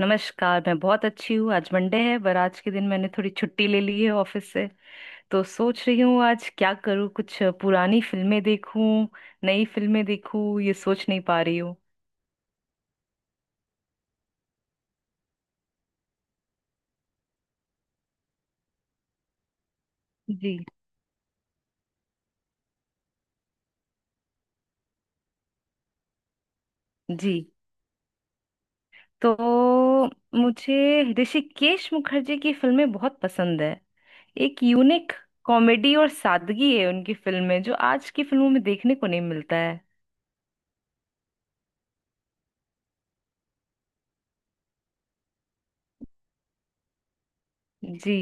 नमस्कार, मैं बहुत अच्छी हूँ। आज मंडे है पर आज के दिन मैंने थोड़ी छुट्टी ले ली है ऑफिस से। तो सोच रही हूँ आज क्या करूँ, कुछ पुरानी फिल्में देखूँ, नई फिल्में देखूँ, ये सोच नहीं पा रही हूँ। जी। जी। तो मुझे ऋषिकेश मुखर्जी की फिल्में बहुत पसंद है। एक यूनिक कॉमेडी और सादगी है उनकी फिल्म में, जो आज की फिल्मों में देखने को नहीं मिलता है। जी।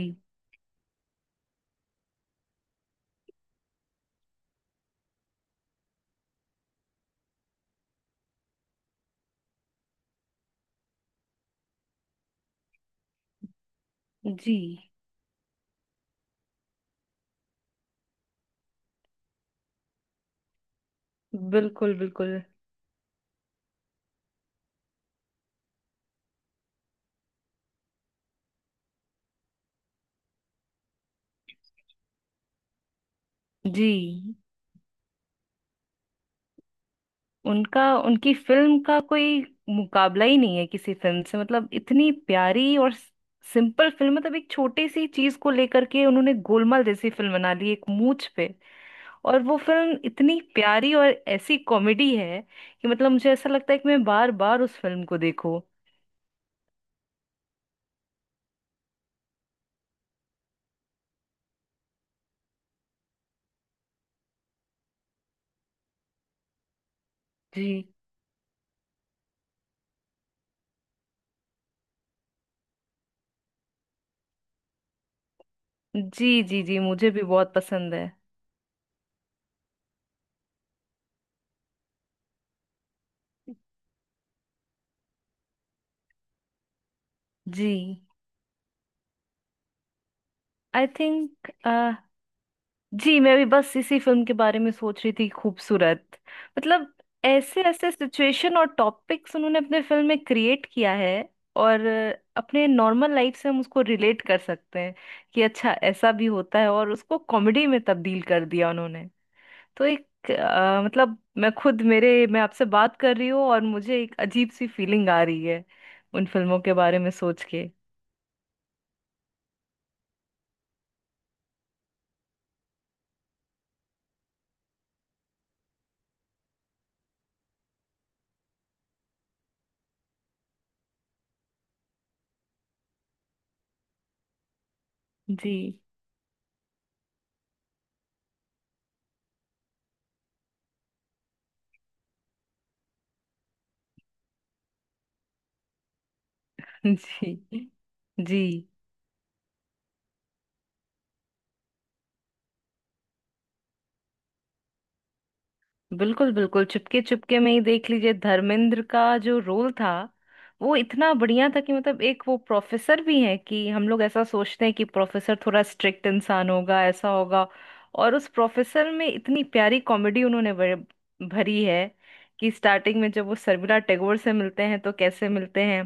जी। बिल्कुल बिल्कुल। जी। उनका उनकी फिल्म का कोई मुकाबला ही नहीं है किसी फिल्म से। मतलब इतनी प्यारी और सिंपल फिल्म, मतलब एक छोटी सी चीज को लेकर के उन्होंने गोलमाल जैसी फिल्म बना ली एक मूंछ पे। और वो फिल्म इतनी प्यारी और ऐसी कॉमेडी है कि मतलब मुझे ऐसा लगता है कि मैं बार बार उस फिल्म को देखूं। जी। जी जी। जी मुझे भी बहुत पसंद है। जी। आई थिंक, जी, मैं भी बस इसी फिल्म के बारे में सोच रही थी, खूबसूरत। मतलब ऐसे ऐसे सिचुएशन और टॉपिक्स उन्होंने अपने फिल्म में क्रिएट किया है, और अपने नॉर्मल लाइफ से हम उसको रिलेट कर सकते हैं कि अच्छा ऐसा भी होता है, और उसको कॉमेडी में तब्दील कर दिया उन्होंने। तो एक मतलब मैं खुद मेरे मैं आपसे बात कर रही हूँ और मुझे एक अजीब सी फीलिंग आ रही है उन फिल्मों के बारे में सोच के। जी। जी। जी बिल्कुल बिल्कुल। चुपके चुपके में ही देख लीजिए, धर्मेंद्र का जो रोल था वो इतना बढ़िया था कि मतलब एक वो प्रोफेसर भी है, कि हम लोग ऐसा सोचते हैं कि प्रोफेसर थोड़ा स्ट्रिक्ट इंसान होगा, ऐसा होगा, और उस प्रोफेसर में इतनी प्यारी कॉमेडी उन्होंने भरी है। कि स्टार्टिंग में जब वो शर्मिला टैगोर से मिलते हैं तो कैसे मिलते हैं।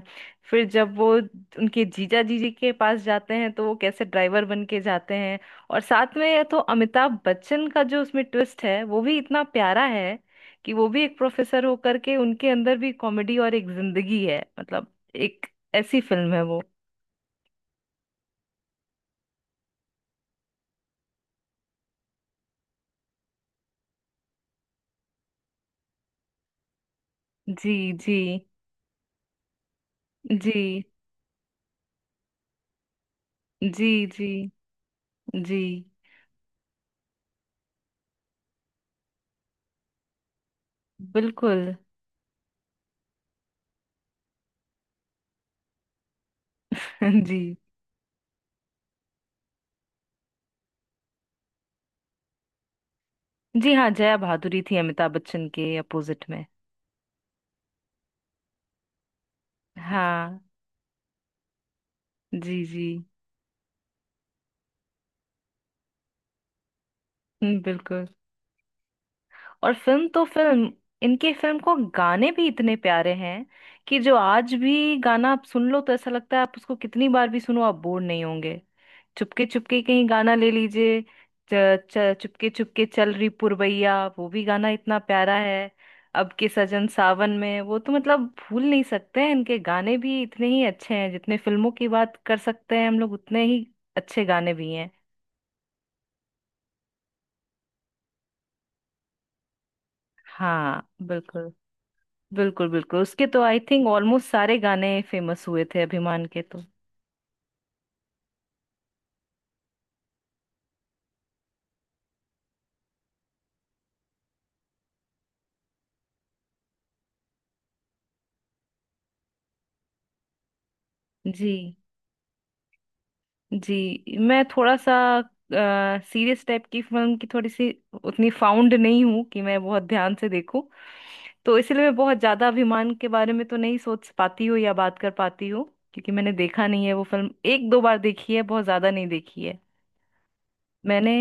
फिर जब वो उनके जीजा जीजी के पास जाते हैं तो वो कैसे ड्राइवर बन के जाते हैं। और साथ में ये तो अमिताभ बच्चन का जो उसमें ट्विस्ट है वो भी इतना प्यारा है, कि वो भी एक प्रोफेसर होकर के उनके अंदर भी कॉमेडी और एक जिंदगी है। मतलब एक ऐसी फिल्म है वो। जी जी जी जी जी। जी बिल्कुल। जी। जी हाँ, जया भादुरी थी अमिताभ बच्चन के अपोजिट में। हाँ। जी। जी। बिल्कुल। और फिल्म तो फिल्म, इनकी फिल्म को गाने भी इतने प्यारे हैं कि जो आज भी गाना आप सुन लो तो ऐसा लगता है, आप उसको कितनी बार भी सुनो आप बोर नहीं होंगे। चुपके चुपके कहीं गाना ले लीजिए, च, च, चुपके चुपके चल रही पुरवैया, वो भी गाना इतना प्यारा है। अब के सजन सावन में, वो तो मतलब भूल नहीं सकते हैं। इनके गाने भी इतने ही अच्छे हैं जितने फिल्मों की बात कर सकते हैं हम लोग, उतने ही अच्छे गाने भी हैं। हाँ बिल्कुल। बिल्कुल बिल्कुल, उसके तो आई थिंक ऑलमोस्ट सारे गाने फेमस हुए थे अभिमान के तो। जी। जी, मैं थोड़ा सा सीरियस टाइप की फिल्म की थोड़ी सी उतनी फाउंड नहीं हूँ कि मैं बहुत ध्यान से देखूं। तो इसलिए मैं बहुत ज्यादा अभिमान के बारे में तो नहीं सोच पाती हूँ या बात कर पाती हूँ, क्योंकि मैंने देखा नहीं है। वो फिल्म एक दो बार देखी है, बहुत ज्यादा नहीं देखी है। मैंने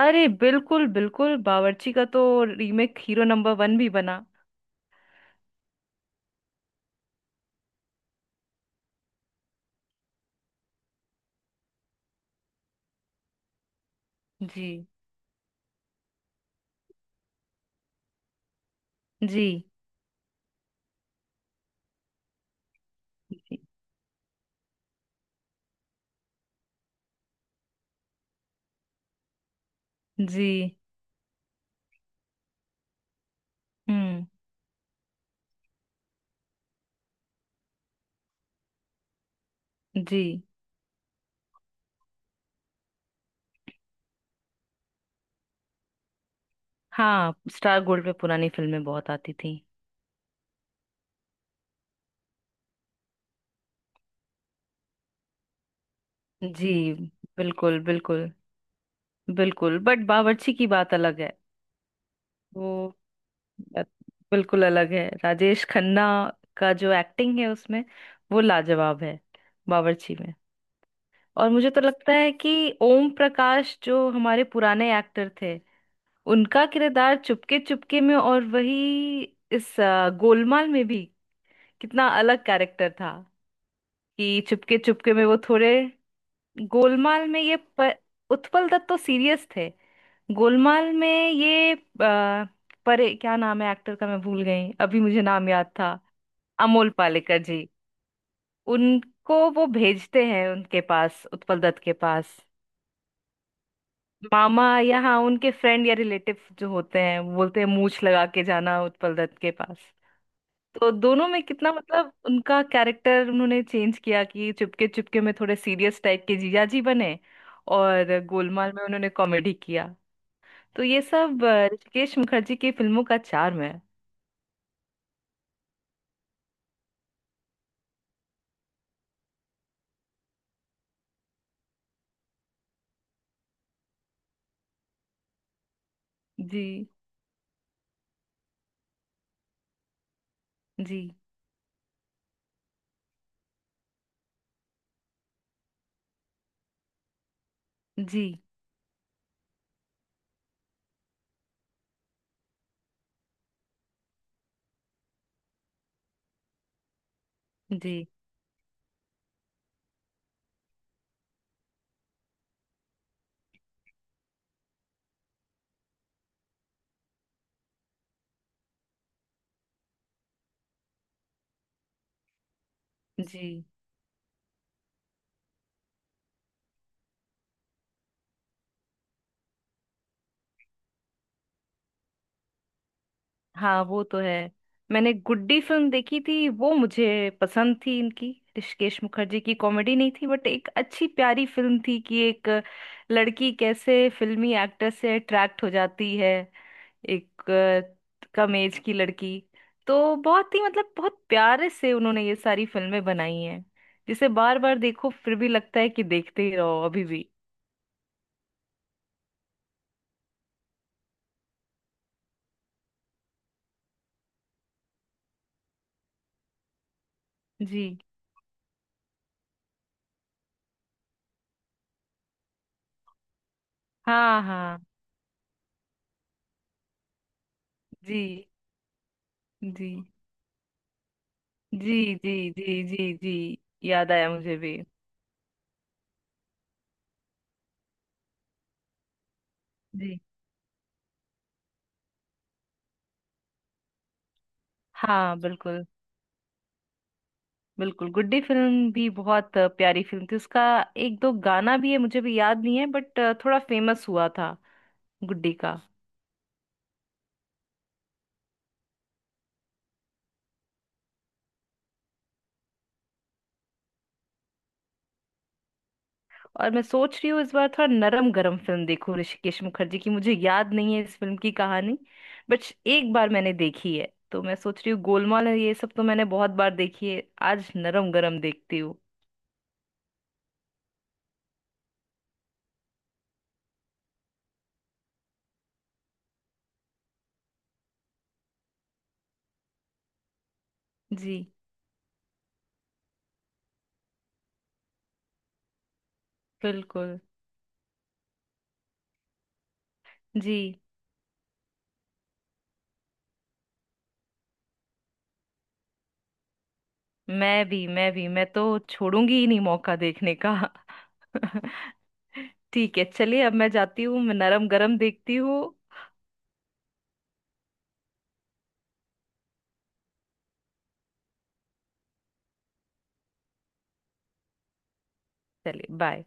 अरे बिल्कुल बिल्कुल, बावर्ची का तो रीमेक हीरो नंबर वन भी बना। जी जी जी जी, हम्म। जी हाँ, स्टार गोल्ड पे पुरानी फिल्में बहुत आती थी। जी बिल्कुल बिल्कुल। बिल्कुल बट बावर्ची की बात अलग है। वो बात बिल्कुल अलग है, राजेश खन्ना का जो एक्टिंग है उसमें वो लाजवाब है बावर्ची में। और मुझे तो लगता है कि ओम प्रकाश, जो हमारे पुराने एक्टर थे, उनका किरदार चुपके चुपके में और वही इस गोलमाल में भी, कितना अलग कैरेक्टर था। कि चुपके चुपके में वो थोड़े, गोलमाल में उत्पल दत्त तो सीरियस थे। गोलमाल में परे क्या नाम है एक्टर का, मैं भूल गई, अभी मुझे नाम याद था, अमोल पालेकर जी। उनको वो भेजते हैं उनके पास, उत्पल दत्त के पास। मामा, या हाँ उनके फ्रेंड या रिलेटिव जो होते हैं, बोलते हैं मूछ लगा के जाना उत्पल दत्त के पास। तो दोनों में कितना मतलब उनका कैरेक्टर उन्होंने चेंज किया, कि चुपके चुपके में थोड़े सीरियस टाइप के जीजा जी बने, और गोलमाल में उन्होंने कॉमेडी किया। तो ये सब ऋषिकेश मुखर्जी की फिल्मों का charm है। जी जी जी जी जी। हाँ वो तो है। मैंने गुड्डी फिल्म देखी थी, वो मुझे पसंद थी। इनकी, ऋषिकेश मुखर्जी की, कॉमेडी नहीं थी बट एक अच्छी प्यारी फिल्म थी, कि एक लड़की कैसे फिल्मी एक्टर से अट्रैक्ट हो जाती है, एक कम एज की लड़की। तो बहुत ही मतलब बहुत प्यारे से उन्होंने ये सारी फिल्में बनाई हैं, जिसे बार बार देखो फिर भी लगता है कि देखते ही रहो अभी भी। जी हाँ हाँ। जी जी जी जी जी जी जी, याद आया मुझे भी। जी हाँ बिल्कुल। बिल्कुल, गुड्डी फिल्म भी बहुत प्यारी फिल्म थी। उसका एक दो गाना भी है, मुझे भी याद नहीं है बट थोड़ा फेमस हुआ था गुड्डी का। और मैं सोच रही हूँ इस बार थोड़ा नरम गरम फिल्म देखूं ऋषिकेश मुखर्जी की। मुझे याद नहीं है इस फिल्म की कहानी बट एक बार मैंने देखी है। तो मैं सोच रही हूँ गोलमाल है, ये सब तो मैंने बहुत बार देखी है, आज नरम गरम देखती हूँ। जी बिल्कुल। जी, मैं भी मैं तो छोड़ूंगी ही नहीं मौका देखने का। ठीक है चलिए, अब मैं जाती हूँ, मैं नरम गरम देखती हूँ। चलिए बाय।